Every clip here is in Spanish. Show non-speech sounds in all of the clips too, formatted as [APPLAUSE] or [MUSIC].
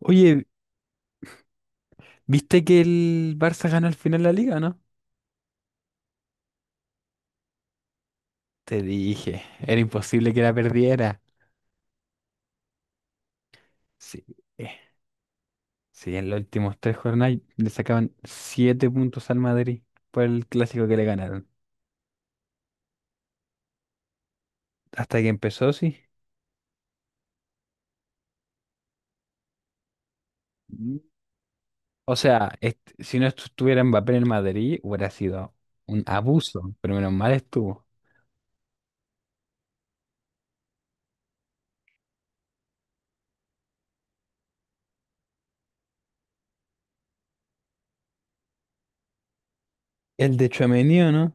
Oye, ¿viste que el Barça ganó al final la liga, no? Te dije, era imposible que la perdiera. Sí, eh, sí, en los últimos 3 jornadas le sacaban 7 puntos al Madrid por el clásico que le ganaron. Hasta que empezó, sí. Mm. O sea, si no estuviera Mbappé en el Madrid, hubiera sido un abuso, pero menos mal estuvo. El de Tchouaméni, ¿o no?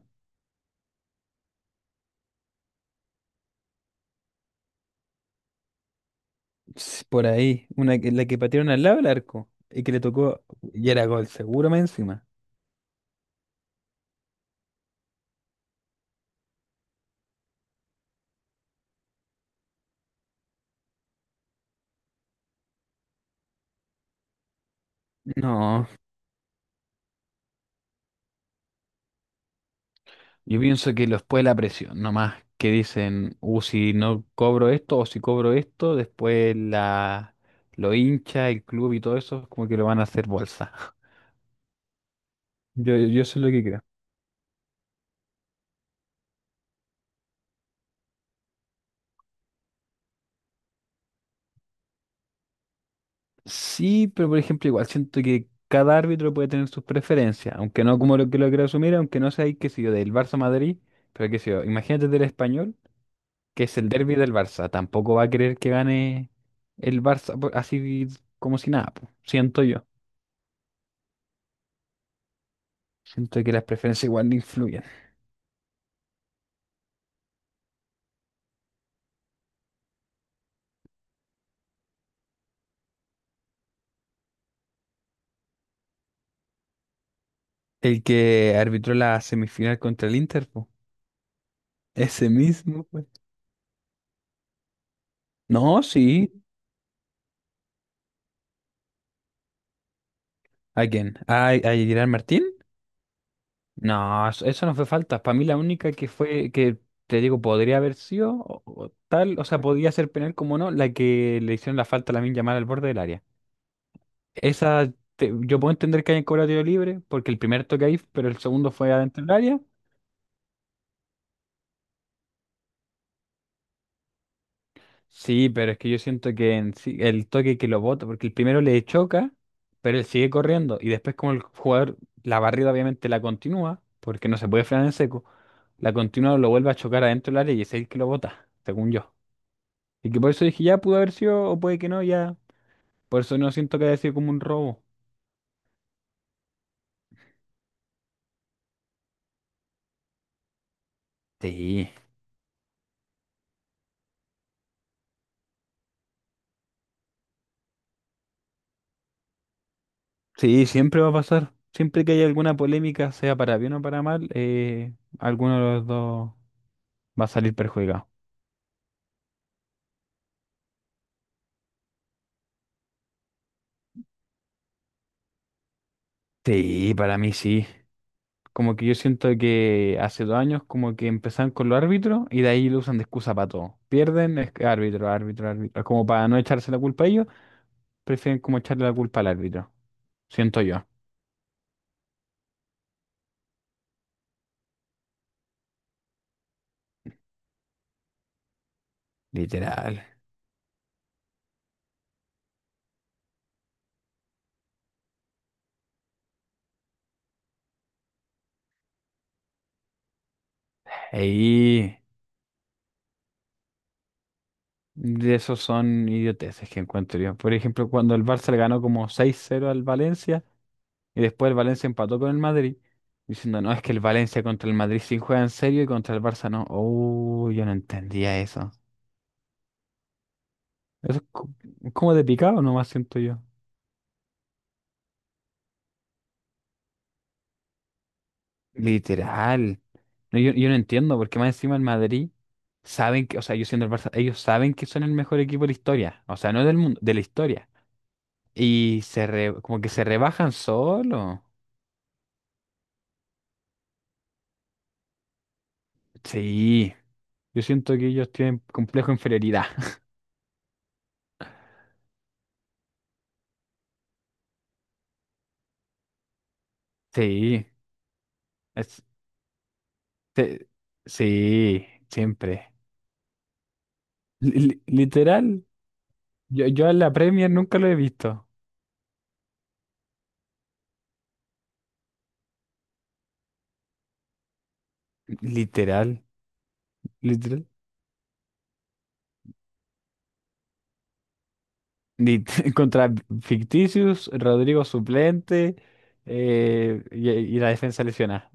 Ps, por ahí, una, la que patearon al lado del arco y que le tocó, y era gol seguro más encima. No. Yo pienso que después de la presión, nomás que dicen, si no cobro esto o si cobro esto, después la, lo hincha, el club y todo eso, como que lo van a hacer bolsa. [LAUGHS] Yo eso es lo que creo. Sí, pero por ejemplo, igual siento que cada árbitro puede tener sus preferencias, aunque no como lo que lo quiero asumir, aunque no sea, ahí, qué sé yo, del Barça Madrid, pero qué sé yo, imagínate del Español, que es el derbi del Barça, tampoco va a querer que gane el Barça así como si nada, po. Siento yo, siento que las preferencias igual influyen. El que arbitró la semifinal contra el Inter, po. Ese mismo, pues. No, sí. ¿A quién? ¿A Gerard Martín? No, eso no fue falta. Para mí la única que fue, que te digo, podría haber sido o tal, o sea, podía ser penal como no, la que le hicieron la falta a Lamine Yamal al borde del área. Esa, yo puedo entender que hayan cobrado tiro libre, porque el primer toque ahí, pero el segundo fue adentro del área. Sí, pero es que yo siento que el toque que lo bota, porque el primero le choca, pero él sigue corriendo. Y después, como el jugador, la barrida obviamente la continúa, porque no se puede frenar en seco, la continúa, lo vuelve a chocar adentro del área y es él que lo bota, según yo. Y que por eso dije, ya pudo haber sido, o puede que no, ya. Por eso no siento que haya sido como un robo. Sí. Sí, siempre va a pasar. Siempre que haya alguna polémica, sea para bien o para mal, alguno de los dos va a salir perjudicado. Sí, para mí sí. Como que yo siento que hace 2 años como que empezaron con los árbitros y de ahí lo usan de excusa para todo. Pierden, es que árbitro, árbitro, árbitro. Como para no echarse la culpa a ellos, prefieren como echarle la culpa al árbitro. Siento yo. Literal. Ahí de esos son idioteces que encuentro yo. Por ejemplo, cuando el Barça le ganó como 6-0 al Valencia y después el Valencia empató con el Madrid, diciendo, no, es que el Valencia contra el Madrid sí juega en serio y contra el Barça no. Oh, yo no entendía eso. Eso es como de picado nomás siento yo. Literal. No, yo no entiendo, porque más encima el Madrid saben que, o sea, yo siendo el Barça, ellos saben que son el mejor equipo de la historia. O sea, no del mundo, de la historia. Y como que se rebajan solo. Sí. Yo siento que ellos tienen complejo de inferioridad. [LAUGHS] Sí. es- te- sí, siempre. Literal. Yo a la Premier nunca lo he visto. Literal. Literal. [LAUGHS] Contra Ficticius, Rodrigo suplente y la defensa lesionada.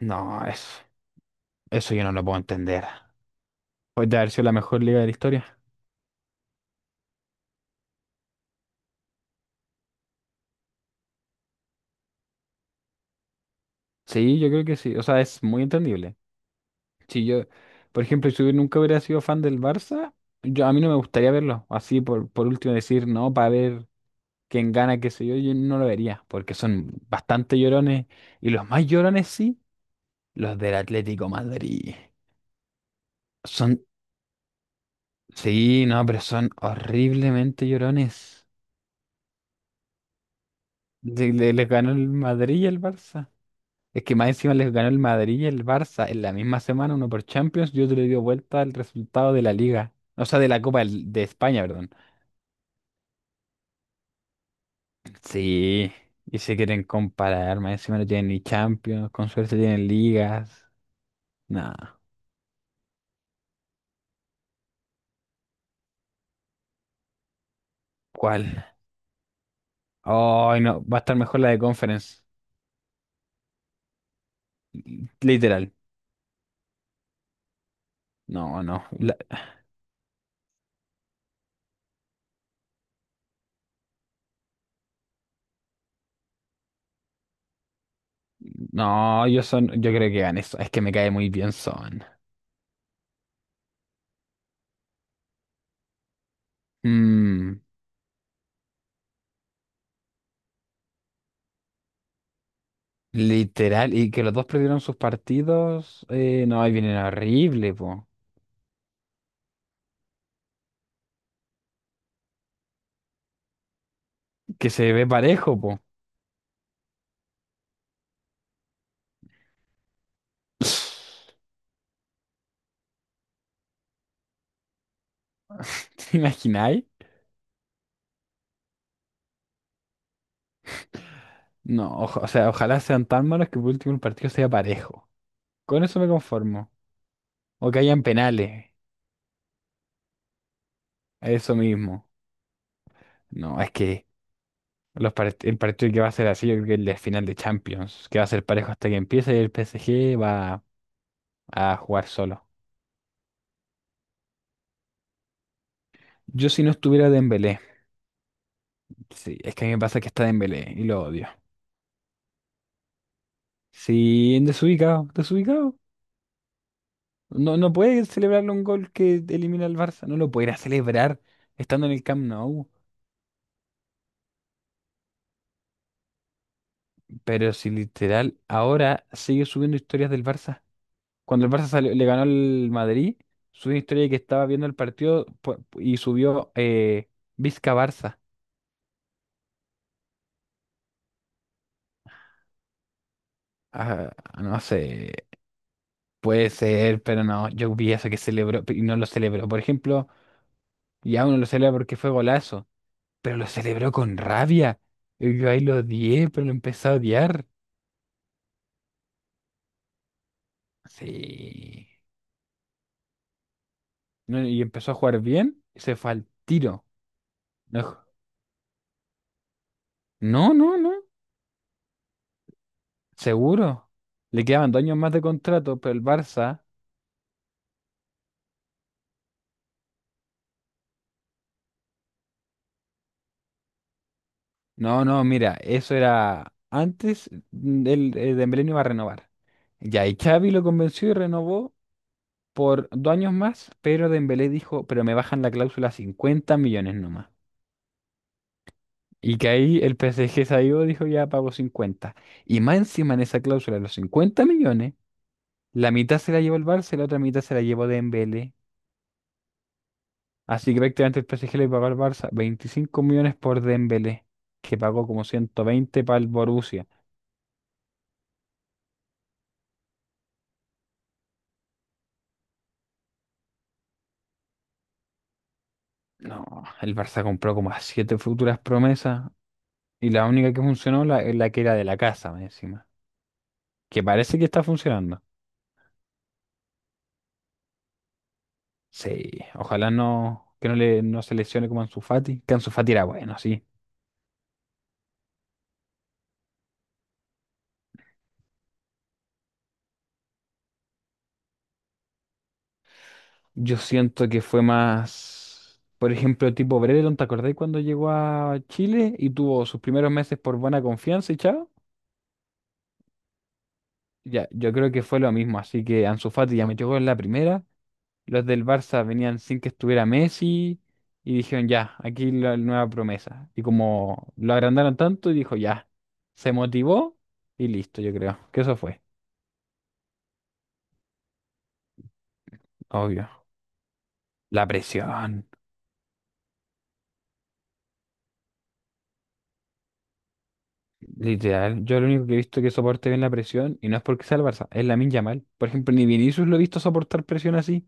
No, eso yo no lo puedo entender. Puede haber sido la mejor liga de la historia. Sí, yo creo que sí. O sea, es muy entendible. Si yo, por ejemplo, si yo nunca hubiera sido fan del Barça, yo, a mí no me gustaría verlo. Así por último decir, no, para ver quién gana, qué sé yo, yo no lo vería. Porque son bastante llorones. Y los más llorones sí, los del Atlético Madrid. Son Sí, no, pero son horriblemente llorones. Les ganó el Madrid y el Barça. Es que más encima les ganó el Madrid y el Barça en la misma semana, uno por Champions y otro le dio vuelta al resultado de la Liga. O sea, de la de España, perdón. Sí, y se quieren comparar, más encima no tienen ni Champions, con suerte tienen ligas. No, ¿cuál? Ay, no, va a estar mejor la de Conference. Literal. No, no. No, yo son, yo creo que ganan eso. Es que me cae muy bien Son. Mm, literal, y que los dos perdieron sus partidos, no, ahí viene horrible, po. Que se ve parejo, po. [LAUGHS] ¿Te imagináis? No, o sea, ojalá sean tan malos que por último el partido sea parejo. Con eso me conformo. O que hayan penales, eso mismo. No, es que el partido que va a ser así, yo creo que el de final de Champions, que va a ser parejo hasta que empiece y el P S G va a jugar solo. Yo si no estuviera Dembélé, sí, es que a mí me pasa que está Dembélé y lo odio. Sí, en desubicado, desubicado. No, no puede celebrarle un gol que elimina al Barça. No lo puede ir a celebrar estando en el Camp Nou. Pero si literal ahora sigue subiendo historias del Barça. Cuando el Barça le ganó al Madrid, subió una historia de que estaba viendo el partido y subió Vizca Barça. Ah, no sé, puede ser, pero no. Yo vi eso que celebró y no lo celebró. Por ejemplo, y aún no lo celebra porque fue golazo, pero lo celebró con rabia. Y yo ahí lo odié, pero lo empecé a odiar. Sí. No, y empezó a jugar bien y se fue al tiro. No, no, no, no, seguro. Le quedaban 2 años más de contrato, pero el Barça. No, no, mira, eso era antes del Dembélé no iba a renovar. Ya, y Xavi lo convenció y renovó por 2 años más, pero Dembélé dijo, pero me bajan la cláusula a 50 millones nomás. Y que ahí el PSG salió, dijo ya pago 50. Y más encima en esa cláusula de los 50 millones, la mitad se la llevó el Barça y la otra mitad se la llevó Dembélé. Así que prácticamente el PSG le pagó al Barça 25 millones por Dembélé, que pagó como 120 para el Borussia. No, el Barça compró como a siete futuras promesas y la única que funcionó la que era de la casa, más encima. Que parece que está funcionando. Sí, ojalá no, que no, le, no se lesione como Ansu Fati. Que Ansu Fati era bueno, sí. Yo siento que fue más, por ejemplo, tipo Brereton, ¿te acordás cuando llegó a Chile y tuvo sus primeros meses por buena confianza y chao? Ya, yo creo que fue lo mismo, así que Ansu Fati ya metió gol en la primera, los del Barça venían sin que estuviera Messi y dijeron ya, aquí la nueva promesa. Y como lo agrandaron tanto, dijo ya, se motivó y listo, yo creo que eso fue, obvio. La presión. Literal, yo lo único que he visto que soporte bien la presión, y no es porque sea el Barça, es Lamine Yamal. Por ejemplo, ni Vinicius lo he visto soportar presión así.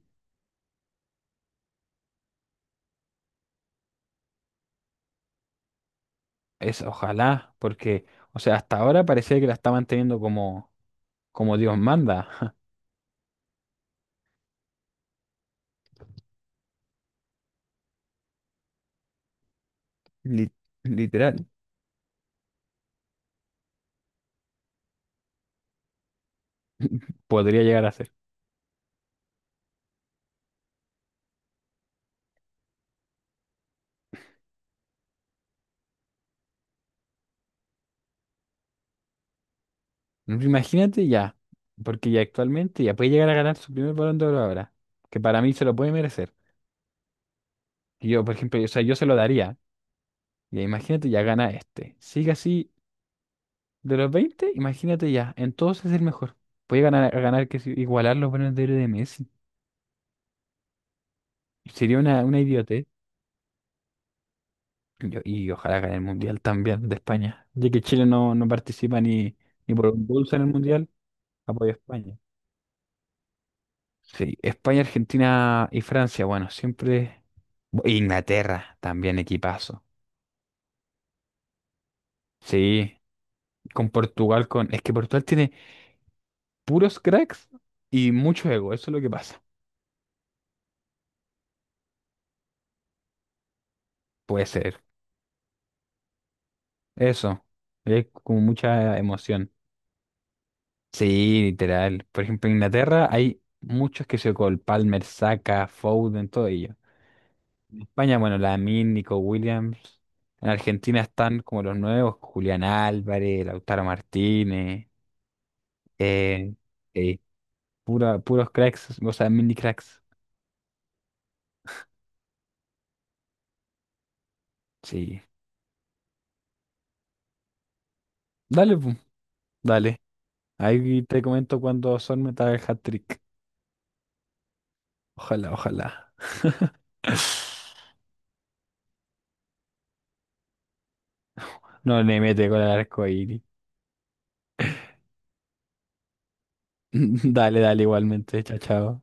Es ojalá, porque, o sea, hasta ahora parecía que la está manteniendo como Dios manda. [LAUGHS] Li- literal, podría llegar a ser. Imagínate ya, porque ya actualmente ya puede llegar a ganar su primer Balón de Oro ahora, que para mí se lo puede merecer. Y yo, por ejemplo, o sea, yo se lo daría. Y imagínate, ya gana este. Sigue así. De los 20, imagínate ya. En todos es el mejor. Puede ganar, a ganar que igualar los buenos de oro de Messi. Sería una idiotez. Y ojalá gane el Mundial también de España, ya que Chile no participa ni por un bolso en el Mundial, apoya a España. Sí, España, Argentina y Francia, bueno, siempre. Inglaterra, también equipazo. Sí, con Portugal, con. Es que Portugal tiene puros cracks y mucho ego, eso es lo que pasa. Puede ser. Eso. Es como mucha emoción. Sí, literal. Por ejemplo, en Inglaterra hay muchos que se con Palmer, Saka, Foden, todo ello. En España, bueno, Lamine, Nico Williams. En Argentina están como los nuevos, Julián Álvarez, Lautaro Martínez. Eh, eh, puros cracks, o sea, mini cracks. Sí. Dale, pu, dale. Ahí te comento cuando son meta el hat-trick. Ojalá, ojalá. [LAUGHS] No le mete con el arco iris. [LAUGHS] Dale, dale igualmente. Chao, chao.